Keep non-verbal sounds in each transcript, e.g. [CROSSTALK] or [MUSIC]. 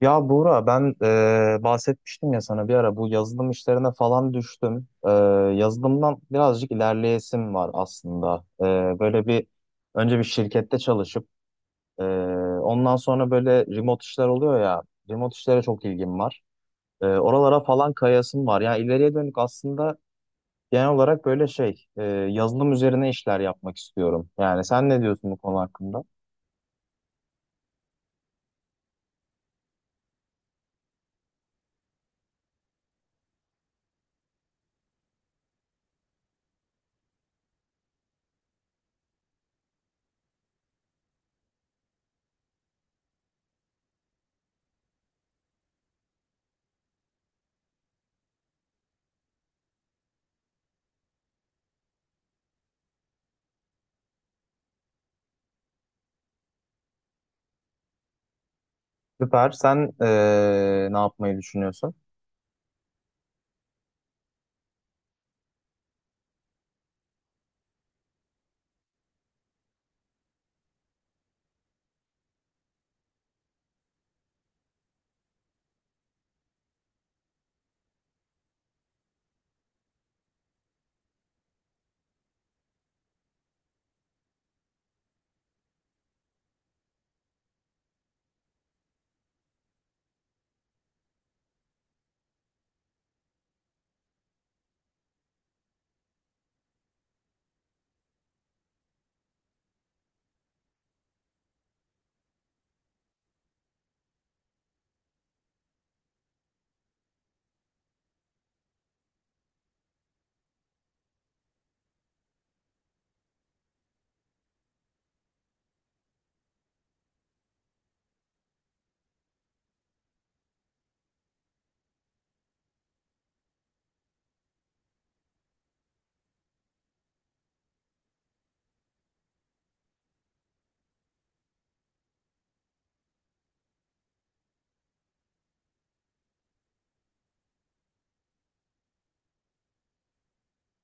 Ya Buğra ben bahsetmiştim ya sana bir ara bu yazılım işlerine falan düştüm. Yazılımdan birazcık ilerleyesim var aslında. E, böyle bir Önce bir şirkette çalışıp e, ondan sonra böyle remote işler oluyor ya. Remote işlere çok ilgim var. Oralara falan kayasım var. Yani ileriye dönük aslında genel olarak böyle yazılım üzerine işler yapmak istiyorum. Yani sen ne diyorsun bu konu hakkında? Süper. Sen ne yapmayı düşünüyorsun?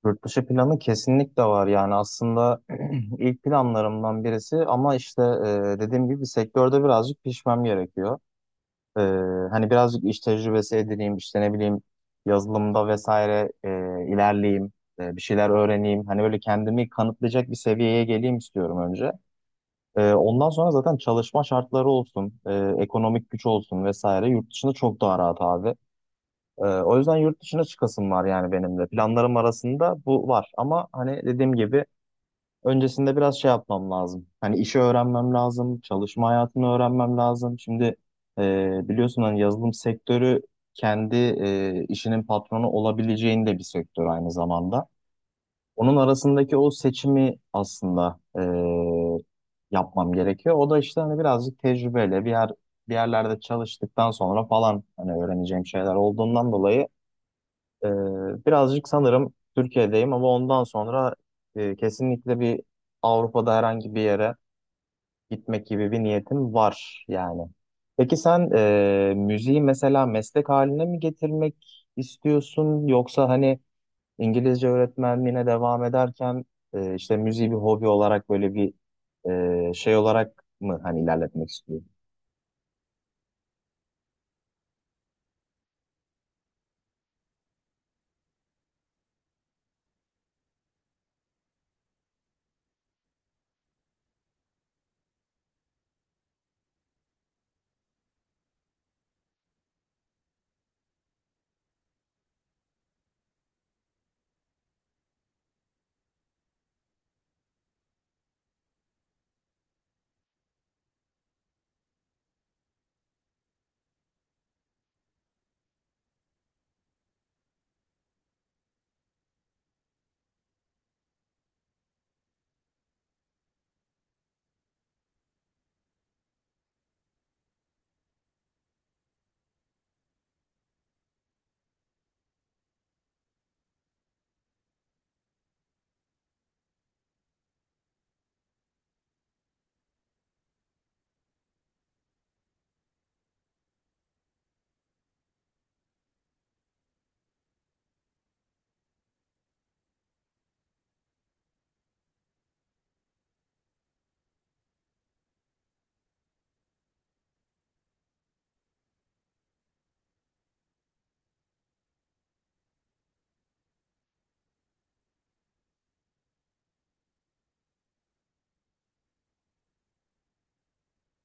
Yurt dışı planı kesinlikle var yani aslında [CLEARS THROAT] ilk planlarımdan birisi ama işte dediğim gibi sektörde birazcık pişmem gerekiyor. E, Hani birazcık iş tecrübesi edineyim işte ne bileyim yazılımda vesaire ilerleyeyim, bir şeyler öğreneyim. Hani böyle kendimi kanıtlayacak bir seviyeye geleyim istiyorum önce. Ondan sonra zaten çalışma şartları olsun, ekonomik güç olsun vesaire yurt dışında çok daha rahat abi. O yüzden yurt dışına çıkasım var yani benim de. Planlarım arasında bu var. Ama hani dediğim gibi öncesinde biraz şey yapmam lazım. Hani işi öğrenmem lazım, çalışma hayatını öğrenmem lazım. Şimdi biliyorsun hani yazılım sektörü kendi işinin patronu olabileceğin de bir sektör aynı zamanda. Onun arasındaki o seçimi aslında yapmam gerekiyor. O da işte hani birazcık tecrübeyle bir yerlerde çalıştıktan sonra falan hani öğreneceğim şeyler olduğundan dolayı ee, birazcık sanırım Türkiye'deyim ama ondan sonra kesinlikle bir Avrupa'da herhangi bir yere gitmek gibi bir niyetim var yani. Peki sen müziği mesela meslek haline mi getirmek istiyorsun yoksa hani İngilizce öğretmenliğine devam ederken işte müziği bir hobi olarak böyle bir şey olarak mı hani ilerletmek istiyorsun?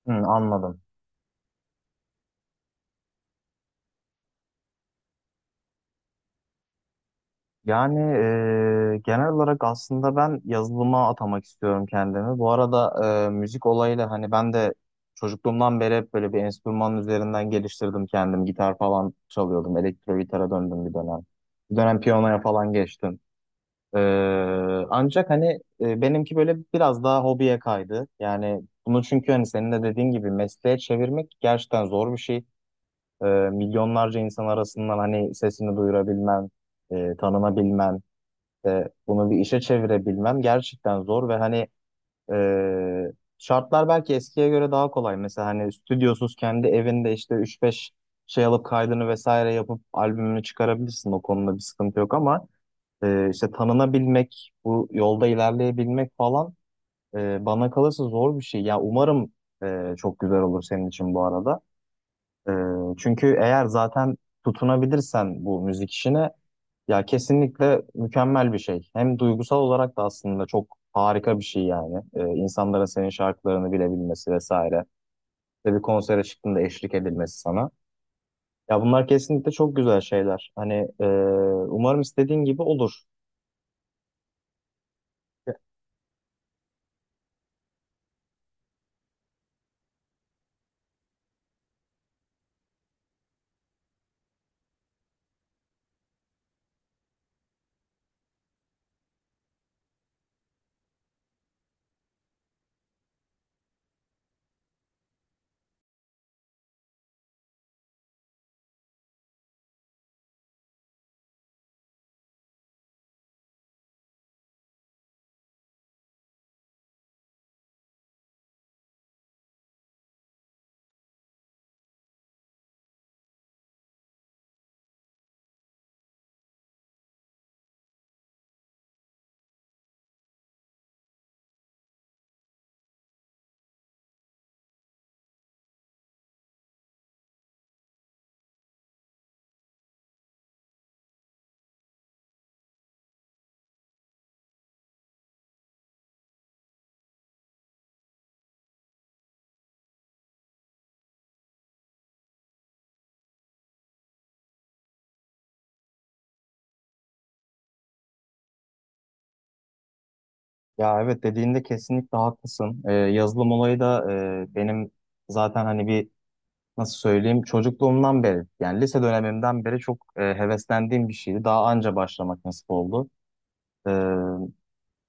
Hı, anladım. Yani genel olarak aslında ben yazılıma atamak istiyorum kendimi. Bu arada müzik olayıyla hani ben de çocukluğumdan beri hep böyle bir enstrümanın üzerinden geliştirdim kendim. Gitar falan çalıyordum. Elektro gitara döndüm bir dönem. Bir dönem piyanoya falan geçtim. E, Ancak hani benimki böyle biraz daha hobiye kaydı. Yani bunu çünkü hani senin de dediğin gibi mesleğe çevirmek gerçekten zor bir şey. Milyonlarca insan arasından hani sesini duyurabilmen, tanınabilmen. İşte bunu bir işe çevirebilmem gerçekten zor ve hani e, şartlar belki eskiye göre daha kolay. Mesela hani stüdyosuz kendi evinde işte üç beş şey alıp kaydını vesaire yapıp albümünü çıkarabilirsin. O konuda bir sıkıntı yok ama işte tanınabilmek, bu yolda ilerleyebilmek falan bana kalırsa zor bir şey. Ya umarım çok güzel olur senin için bu arada. Ee, Çünkü eğer zaten tutunabilirsen bu müzik işine ya kesinlikle mükemmel bir şey. Hem duygusal olarak da aslında çok harika bir şey yani. İnsanların senin şarkılarını bilebilmesi vesaire. Ve bir konsere çıktığında eşlik edilmesi sana. Ya bunlar kesinlikle çok güzel şeyler. Hani e, umarım istediğin gibi olur. Ya evet dediğinde kesinlikle haklısın. Yazılım olayı da benim zaten hani bir nasıl söyleyeyim, çocukluğumdan beri yani lise dönemimden beri çok heveslendiğim bir şeydi. Daha anca başlamak nasip oldu. Ee,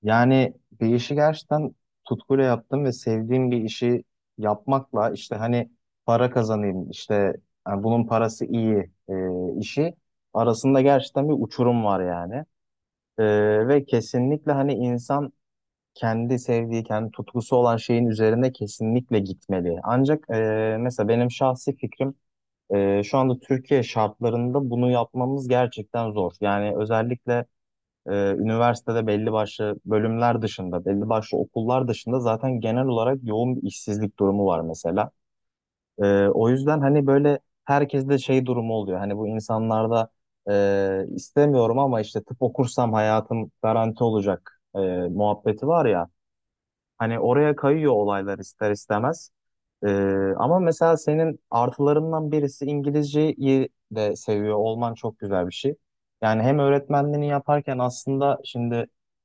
Yani bir işi gerçekten tutkuyla yaptım ve sevdiğim bir işi yapmakla işte hani para kazanayım işte, yani bunun parası iyi işi arasında gerçekten bir uçurum var yani. Ve kesinlikle hani insan kendi sevdiği, kendi tutkusu olan şeyin üzerine kesinlikle gitmeli. Ancak mesela benim şahsi fikrim, şu anda Türkiye şartlarında bunu yapmamız gerçekten zor. Yani özellikle üniversitede belli başlı bölümler dışında, belli başlı okullar dışında zaten genel olarak yoğun bir işsizlik durumu var mesela. O yüzden hani böyle herkeste şey durumu oluyor. Hani bu insanlarda istemiyorum ama işte tıp okursam hayatım garanti olacak muhabbeti var ya. Hani oraya kayıyor olaylar ister istemez. Ama mesela senin artılarından birisi İngilizceyi de seviyor olman çok güzel bir şey. Yani hem öğretmenliğini yaparken aslında şimdi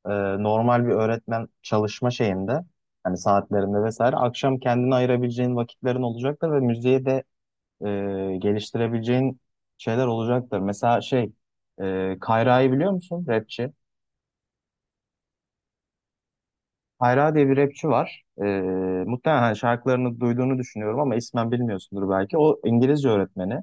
e, normal bir öğretmen çalışma şeyinde hani saatlerinde vesaire akşam kendine ayırabileceğin vakitlerin olacaktır ve müziği de e, geliştirebileceğin şeyler olacaktır. Mesela şey Kayra'yı biliyor musun? Rapçi. Kayra diye bir rapçi var. Muhtemelen hani şarkılarını duyduğunu düşünüyorum ama ismen bilmiyorsundur belki. O İngilizce öğretmeni.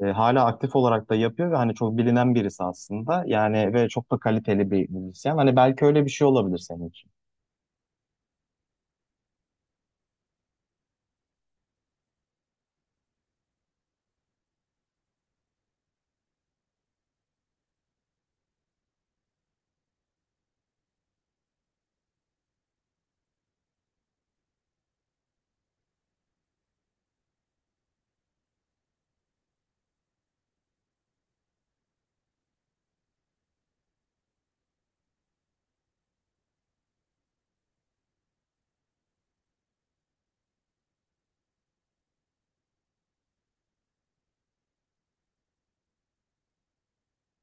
Hala aktif olarak da yapıyor ve hani çok bilinen birisi aslında. Yani ve çok da kaliteli bir müzisyen. Hani belki öyle bir şey olabilir senin için.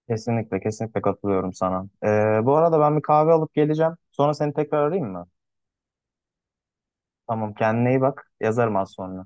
Kesinlikle, kesinlikle katılıyorum sana. Bu arada ben bir kahve alıp geleceğim. Sonra seni tekrar arayayım mı? Tamam, kendine iyi bak. Yazarım az sonra.